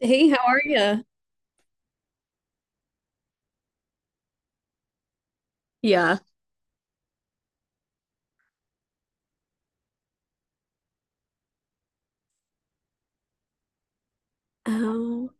Hey, how are you? Yeah. Oh,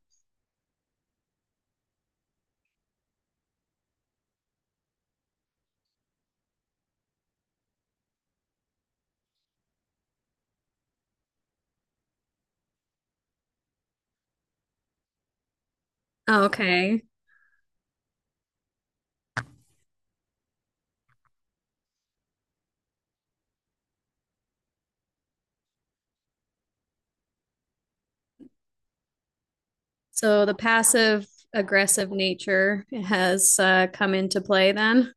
okay. So the passive aggressive nature has come into play then.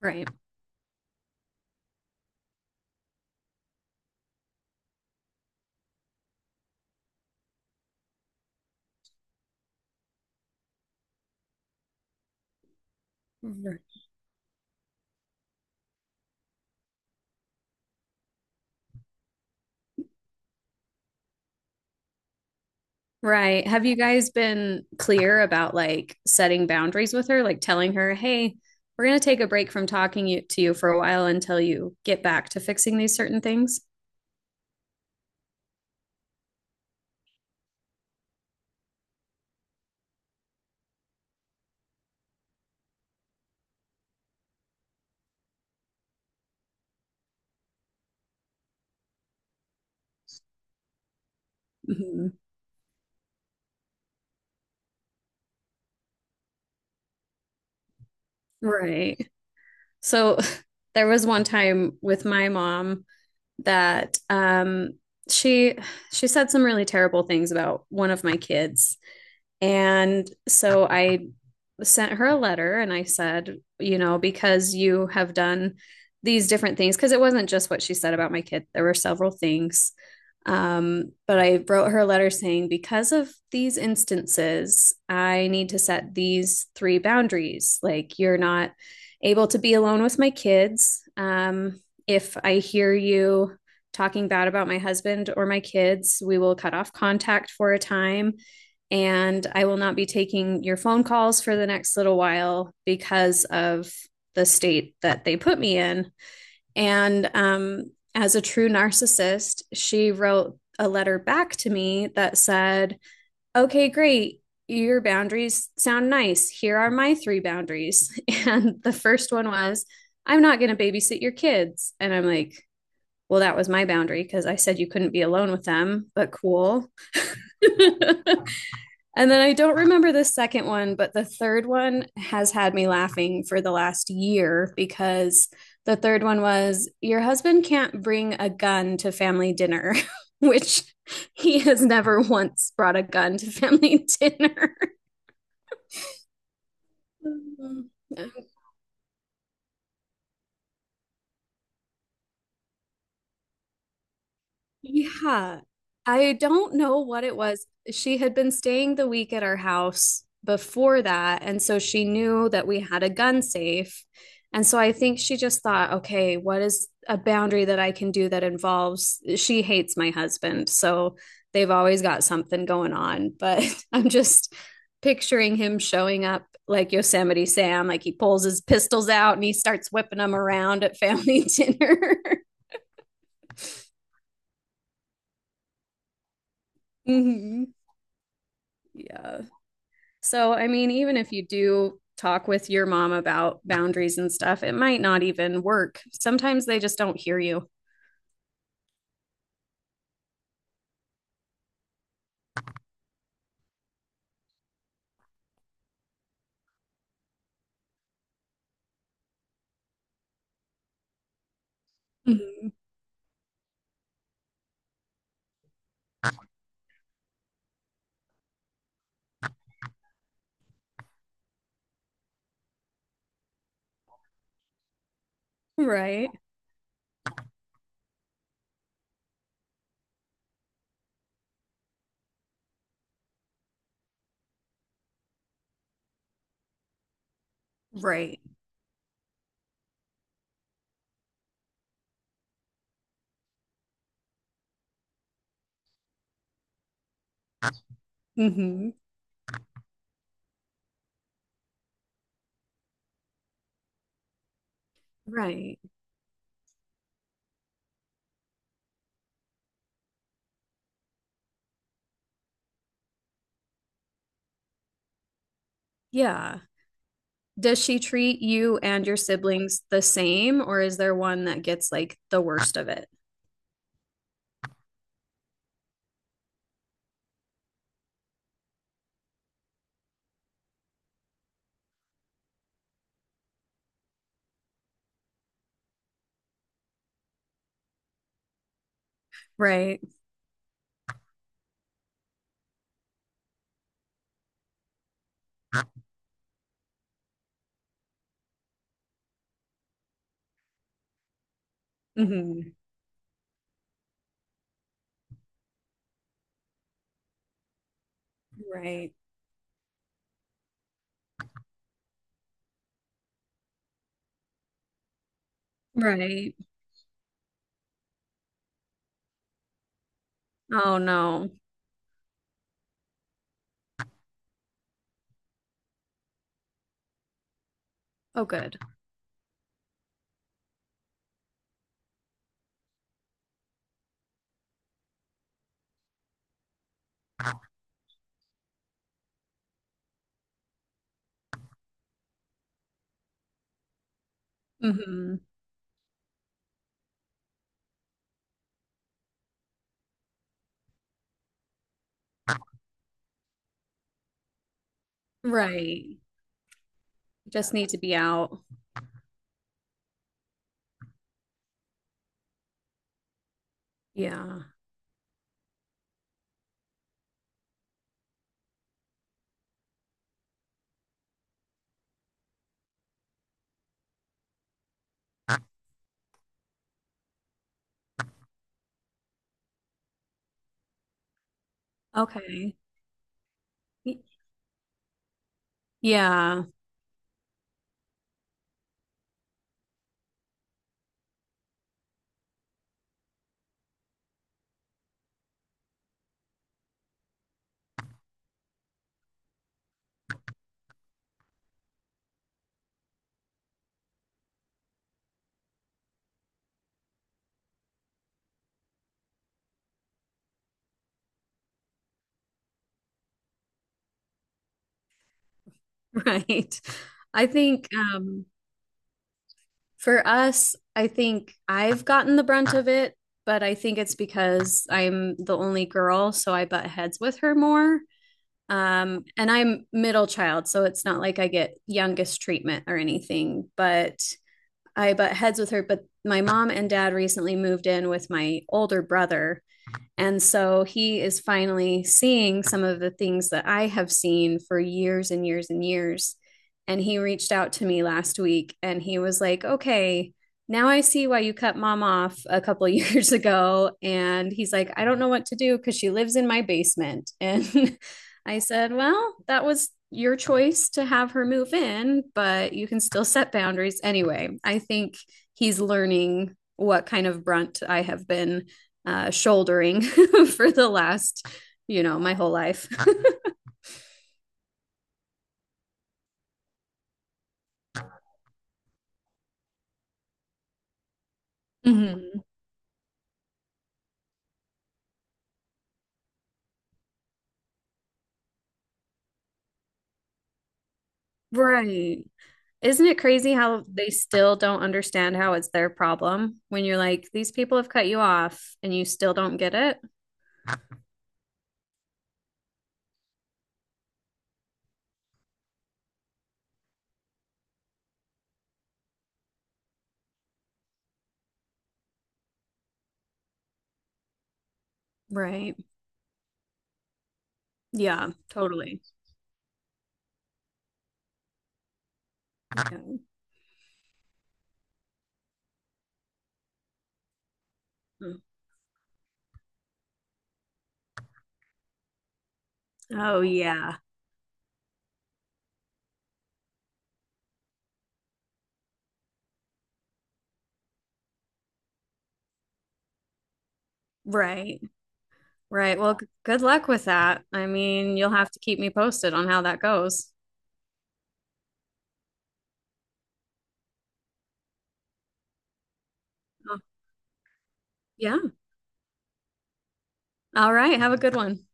Right. Mhm. Right. Have you guys been clear about like setting boundaries with her, like telling her, "Hey, we're going to take a break from talking to you for a while until you get back to fixing these certain things?" Mhm. Right. So there was one time with my mom that she she said some really terrible things about one of my kids and so I sent her a letter and I said, you know, because you have done these different things, because it wasn't just what she said about my kid, there were several things. But I wrote her a letter saying, because of these instances, I need to set these three boundaries. Like, you're not able to be alone with my kids. If I hear you talking bad about my husband or my kids, we will cut off contact for a time. And I will not be taking your phone calls for the next little while because of the state that they put me in. And as a true narcissist, she wrote a letter back to me that said, "Okay, great. Your boundaries sound nice. Here are my three boundaries." And the first one was, "I'm not going to babysit your kids." And I'm like, well, that was my boundary because I said you couldn't be alone with them, but cool. And then I don't remember the second one, but the third one has had me laughing for the last year because the third one was your husband can't bring a gun to family dinner, which he has never once brought a gun to family dinner. Yeah. Yeah. I don't know what it was. She had been staying the week at our house before that. And so she knew that we had a gun safe. And so I think she just thought, okay, what is a boundary that I can do that involves she hates my husband. So they've always got something going on. But I'm just picturing him showing up like Yosemite Sam, like he pulls his pistols out and he starts whipping them around at family dinner. Mhm. Yeah. So, I mean, even if you do talk with your mom about boundaries and stuff, it might not even work. Sometimes they just don't hear you. Mhm. Right. Right. Hmm. Right. Yeah. Does she treat you and your siblings the same, or is there one that gets like the worst of it? Right. Hmm. Right. Right. Oh no. Oh, good. Hmm. Right. Just need to be out. Yeah. Okay. Y- Yeah. Right. I think for us, I think I've gotten the brunt of it, but I think it's because I'm the only girl, so I butt heads with her more. And I'm middle child, so it's not like I get youngest treatment or anything, but I butt heads with her. But my mom and dad recently moved in with my older brother and so he is finally seeing some of the things that I have seen for years and years and years. And he reached out to me last week and he was like, okay, now I see why you cut mom off a couple of years ago. And he's like, I don't know what to do because she lives in my basement. And I said, well, that was your choice to have her move in, but you can still set boundaries. Anyway, I think he's learning what kind of brunt I have been shouldering for the last, you know, my whole life. Mhm. Right. Isn't it crazy how they still don't understand how it's their problem when you're like, these people have cut you off and you still don't get it? Right. Yeah, totally. Yeah. Mm. Oh, yeah. Right. Right. Well, g- good luck with that. I mean, you'll have to keep me posted on how that goes. Oh, yeah. All right. Have a good one.